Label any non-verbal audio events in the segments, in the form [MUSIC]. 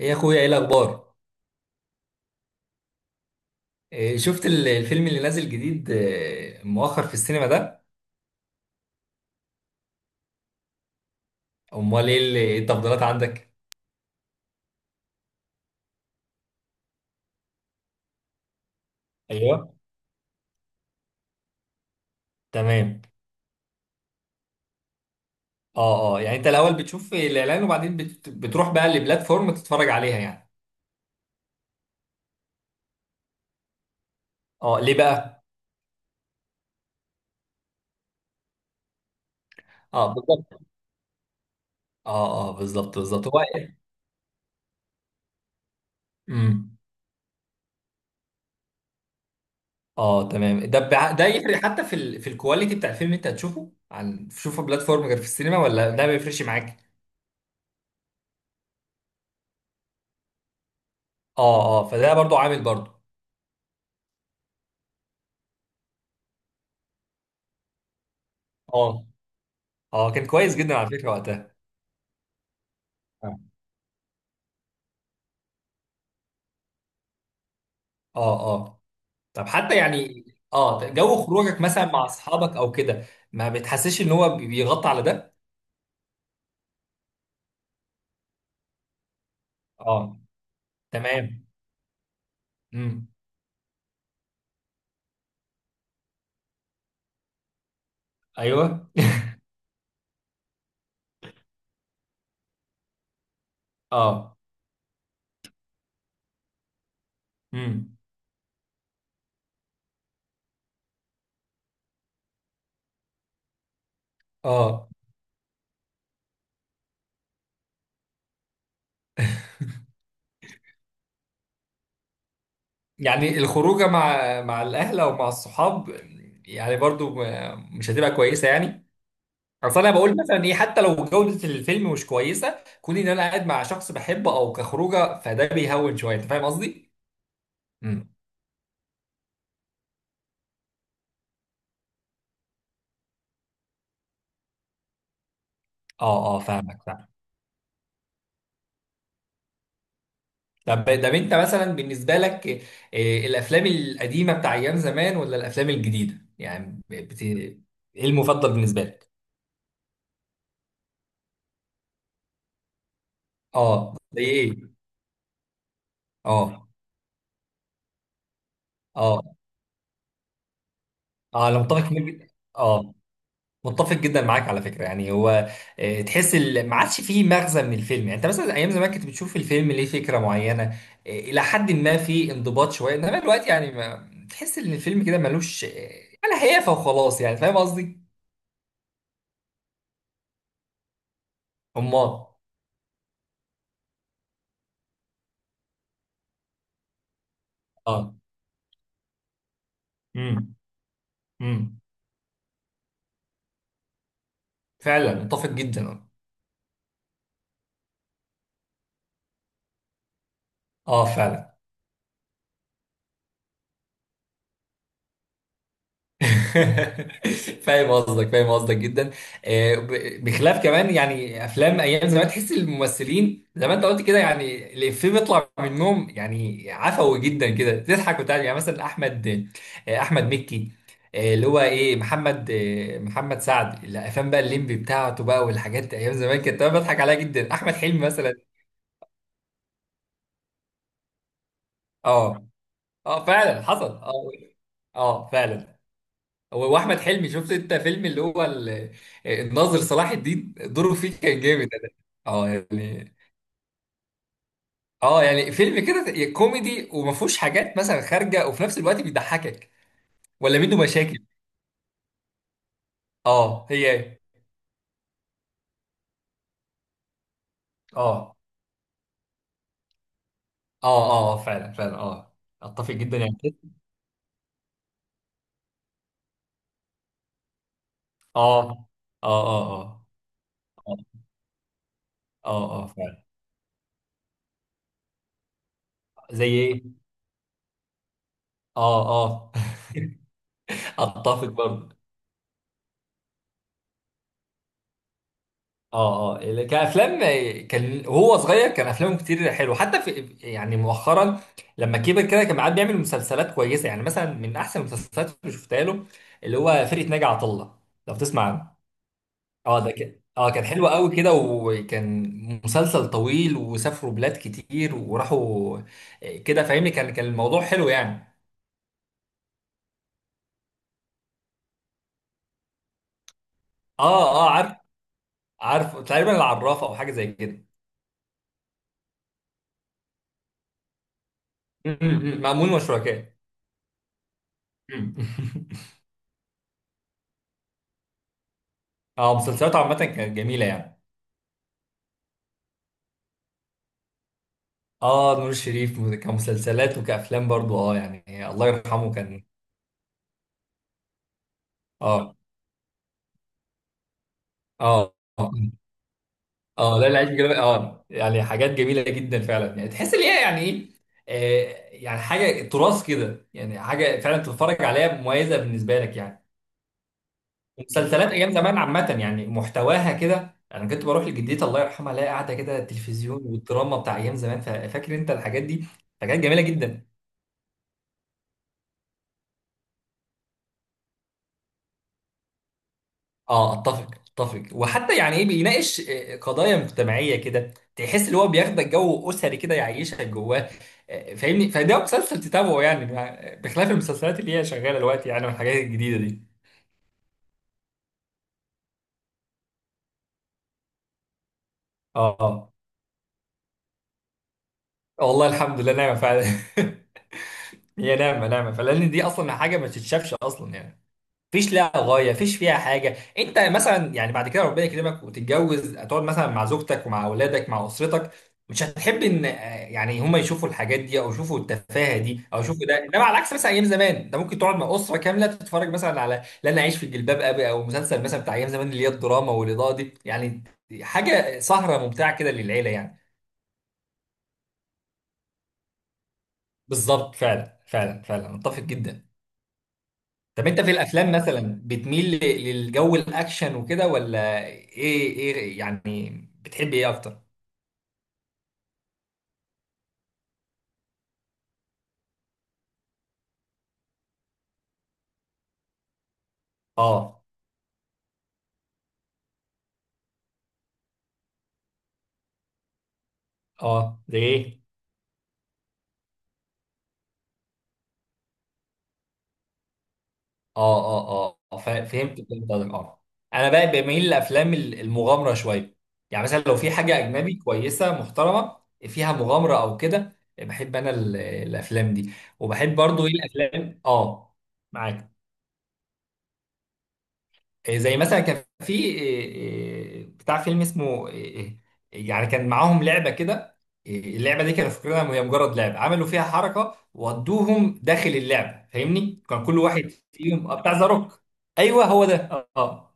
ايه يا اخويا، ايه الاخبار؟ إيه، شفت الفيلم اللي نازل جديد، مؤخر في السينما ده؟ امال ايه إيه التفضيلات عندك؟ ايوه. تمام. اه، اه، يعني انت الاول بتشوف الاعلان وبعدين بتروح بقى لبلاتفورم تتفرج عليها يعني. اه، ليه بقى؟ اه، بالظبط. اه، اه، بالظبط بالظبط هو. امم. اه، تمام. ده يفرق حتى في في الكواليتي بتاع الفيلم اللي انت هتشوفه عن تشوفه بلاتفورم غير في السينما، ولا ده ما بيفرقش معاك؟ اه، اه، فده برضو عامل برضو. اه، اه، كان كويس جدا على فكرة وقتها. اه، اه، طب حتى يعني، اه، جو خروجك مثلا مع اصحابك او كده، ما بتحسش ان هو بيغطي على ده؟ اه، تمام. امم. ايوه. اه. امم. اه، يعني الخروجه مع الاهل او مع الصحاب، يعني برضو مش هتبقى كويسه يعني. اصل انا بقول مثلا ايه، حتى لو جوده الفيلم مش كويسه، كون ان انا قاعد مع شخص بحبه او كخروجه فده بيهون شويه، انت فاهم قصدي؟ امم. اه، اه، فاهمك. طب، طب، انت مثلا بالنسبه لك، الافلام القديمه بتاع ايام زمان ولا الافلام الجديده، يعني ايه المفضل بالنسبه لك؟ اه، زي ايه؟ اه. اه. اه، انا متفق جدا- اه، متفق جدا معاك على فكره. يعني هو، تحس ما عادش فيه مغزى من الفيلم، يعني انت مثلا ايام زمان كنت بتشوف الفيلم ليه فكره معينه، الى حد ما في انضباط شويه، انما دلوقتي يعني ما... تحس ان الفيلم كده ملوش ولا هيافه وخلاص، يعني فاهم قصدي. امال. اه. امم. فعلا اتفق جدا. اه، فعلا. [LAUGHS] فاهم قصدك، فاهم قصدك جدا. بخلاف كمان يعني افلام ايام زمان تحس الممثلين زي ما انت قلت كده، يعني الافيه بيطلع منهم يعني عفوي جدا كده، تضحك وتعمل يعني، مثلا احمد، احمد مكي، اللي هو ايه محمد، محمد سعد، الافلام بقى الليمبي بتاعته بقى والحاجات ايام زمان كانت أنا بضحك عليها جدا، احمد حلمي مثلا. اه، اه، فعلا حصل اه. اه، فعلا. هو واحمد حلمي، شفت انت فيلم اللي هو الناظر صلاح الدين، دوره فيه كان جامد ده. اه يعني. اه، يعني فيلم كده كوميدي وما فيهوش حاجات مثلا خارجه، وفي نفس الوقت بيضحكك، ولا منه مشاكل. اه، هي. اه، اه، اه، فعلا فعلا اه. اتفق جدا يعني. اه، اه، اه، اه، اه، اه، فعلا. زي ايه؟ اه، اه. [LAUGHS] اتفق برضه. اه، اه، كافلام، كان وهو صغير كان افلامه كتير حلو، حتى في يعني مؤخرا، لما كبر كده كان قاعد بيعمل مسلسلات كويسه. يعني مثلا من احسن المسلسلات اللي شفتها له، اللي هو فرقه ناجي عطا الله، لو بتسمع عنه. اه، ده كان، اه، كان حلو قوي كده، وكان مسلسل طويل وسافروا بلاد كتير وراحوا، كده فاهمني، كان الموضوع حلو يعني. اه، اه، عارف، عارف تقريبا العرافه او حاجه زي كده. م- م- م. مأمون وشركاه. م- [LAUGHS] م. اه، مسلسلاته عامه كانت جميله يعني. اه، نور الشريف كمسلسلات وكافلام برضو، اه يعني الله يرحمه كان. اه، اه، اه. اه، لا، العيش بجلبه، اه يعني حاجات جميله جدا فعلا، يعني تحس ان هي يعني ايه، يعني حاجه تراث كده، يعني حاجه فعلا تتفرج عليها مميزه بالنسبه لك يعني. مسلسلات ايام زمان عامه يعني محتواها كده، انا كنت بروح لجدتي الله يرحمها الاقي قاعده كده التلفزيون والدراما بتاع ايام زمان، فاكر انت الحاجات دي. فكانت جميله جدا. اه، اتفق. اتفق، وحتى يعني ايه بيناقش قضايا مجتمعيه كده، تحس اللي هو بياخدك جو اسري كده، يعيشك جواه، فاهمني، فده مسلسل تتابعه يعني، بخلاف المسلسلات اللي هي شغاله دلوقتي يعني والحاجات الجديده دي. اه، والله الحمد لله نعمه فعلا. [LAUGHS] هي نعمه نعمه، فلان دي اصلا حاجه ما تتشافش اصلا يعني، مفيش لها غايه، مفيش فيها حاجه. انت مثلا يعني بعد كده ربنا يكرمك وتتجوز هتقعد مثلا مع زوجتك ومع اولادك مع اسرتك، مش هتحب ان يعني هم يشوفوا الحاجات دي او يشوفوا التفاهه دي او يشوفوا ده، انما على عكس مثلا ايام زمان انت ممكن تقعد مع اسره كامله تتفرج مثلا على لن اعيش في جلباب ابي، او مسلسل مثلا بتاع ايام زمان اللي هي الدراما والاضاءه دي، يعني حاجه سهره ممتعه كده للعيله يعني. بالظبط، فعلا فعلا فعلا، متفق جدا. طب انت في الافلام مثلا بتميل للجو الاكشن وكده ولا ايه، ايه يعني، بتحب ايه اكتر؟ اه، اه، ده ايه؟ اه، اه، اه، فهمت، فهمت قصدك اه. انا بقى بميل لافلام المغامره شويه، يعني مثلا لو في حاجه اجنبي كويسه محترمه فيها مغامره او كده بحب انا الافلام دي، وبحب برضو ايه الافلام اه، معاك. زي مثلا كان في إيه، إيه، بتاع فيلم اسمه إيه، إيه، يعني كان معاهم لعبه كده، اللعبه دي كانوا فاكرينها هي مجرد لعبه، عملوا فيها حركه ودوهم داخل اللعبه، فاهمني، كان كل واحد فيهم بتاع ذا روك. ايوه، هو ده. اه.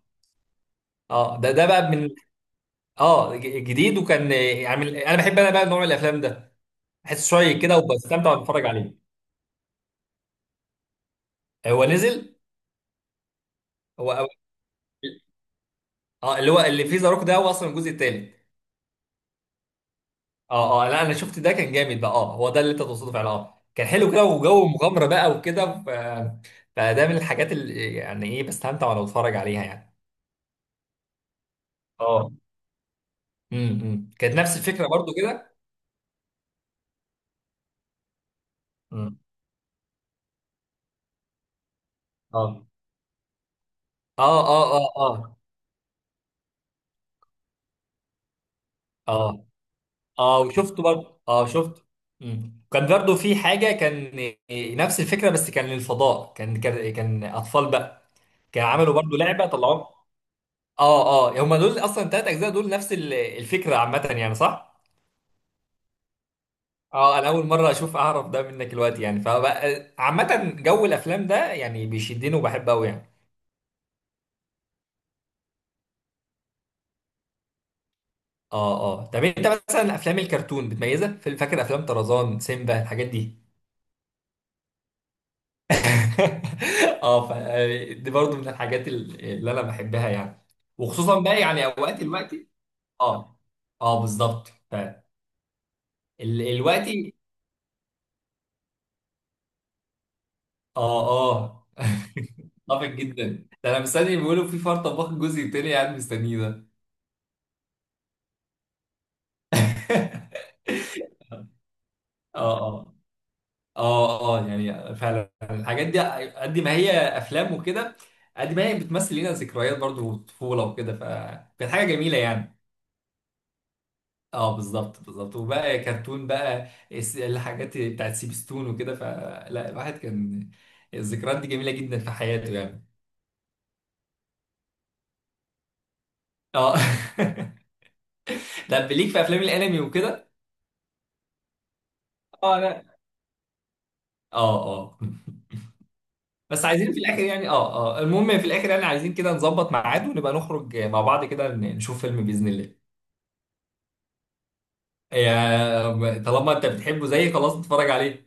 اه، ده ده بقى من، اه جديد، وكان انا بحب، انا بقى نوع من الافلام ده، بحس شويه كده وبستمتع وانا بتفرج عليه. هو نزل؟ هو أو- اه، اللي هو اللي فيه ذا روك ده هو اصلا الجزء الثالث. اه، اه، لا انا شفت ده، كان جامد بقى. اه، هو ده اللي انت تقصده فعلا، اه كان حلو كده وجو مغامره بقى وكده فده من الحاجات اللي يعني ايه بستمتع وانا بتفرج عليها يعني. اه، امم، كانت نفس الفكره برضو كده. امم. اه، اه، اه، اه، اه، اه، اه، وشفته برضو، اه شفته. امم، كان برضو في حاجه كان، نفس الفكره، بس كان للفضاء، كان اطفال بقى، كان عملوا برضو لعبه طلعوها. اه، اه، هم دول اصلا 3 اجزاء دول نفس الفكره عامه يعني، صح؟ اه، انا اول مره اشوف، اعرف ده منك دلوقتي يعني، فبقى عامه جو الافلام ده يعني بيشدني وبحبه قوي يعني. اه، اه، طب انت مثلا افلام الكرتون بتميزها، في فاكر افلام طرزان، سيمبا، الحاجات دي؟ [LAUGHS] اه ف، دي برضو من الحاجات اللي انا بحبها يعني، وخصوصا بقى يعني اوقات دلوقتي. اه. اه، بالظبط ف دلوقتي. اه. اه. [LAUGHS] اتفق جدا، ده انا مستني بيقولوا في فرط طباخ الجزء التاني، قاعد مستنيه ده. [LAUGHS] اه، اه، اه، اه، يعني فعلا الحاجات دي قد ما هي افلام وكده، قد ما هي بتمثل لنا ذكريات برضو وطفوله وكده، فكانت حاجه جميله يعني. اه، بالظبط بالظبط، وبقى كرتون بقى الحاجات بتاعت سيبستون وكده، فلا الواحد كان الذكريات دي جميله جدا في حياته يعني. اه. [LAUGHS] طب ليك في افلام الانمي وكده؟ اه، لا. اه. اه. بس عايزين في الاخر يعني، اه، اه، المهم في الاخر يعني عايزين كده نظبط ميعاد ونبقى نخرج مع بعض كده نشوف فيلم باذن الله. يا طالما انت بتحبه زيي، خلاص اتفرج عليه،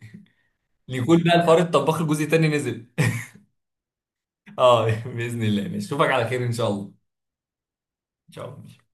ليكون بقى الفار الطباخ الجزء التاني نزل. [LAUGHS] اه، باذن الله، ماشي، اشوفك على خير ان شاء الله. ان شاء الله.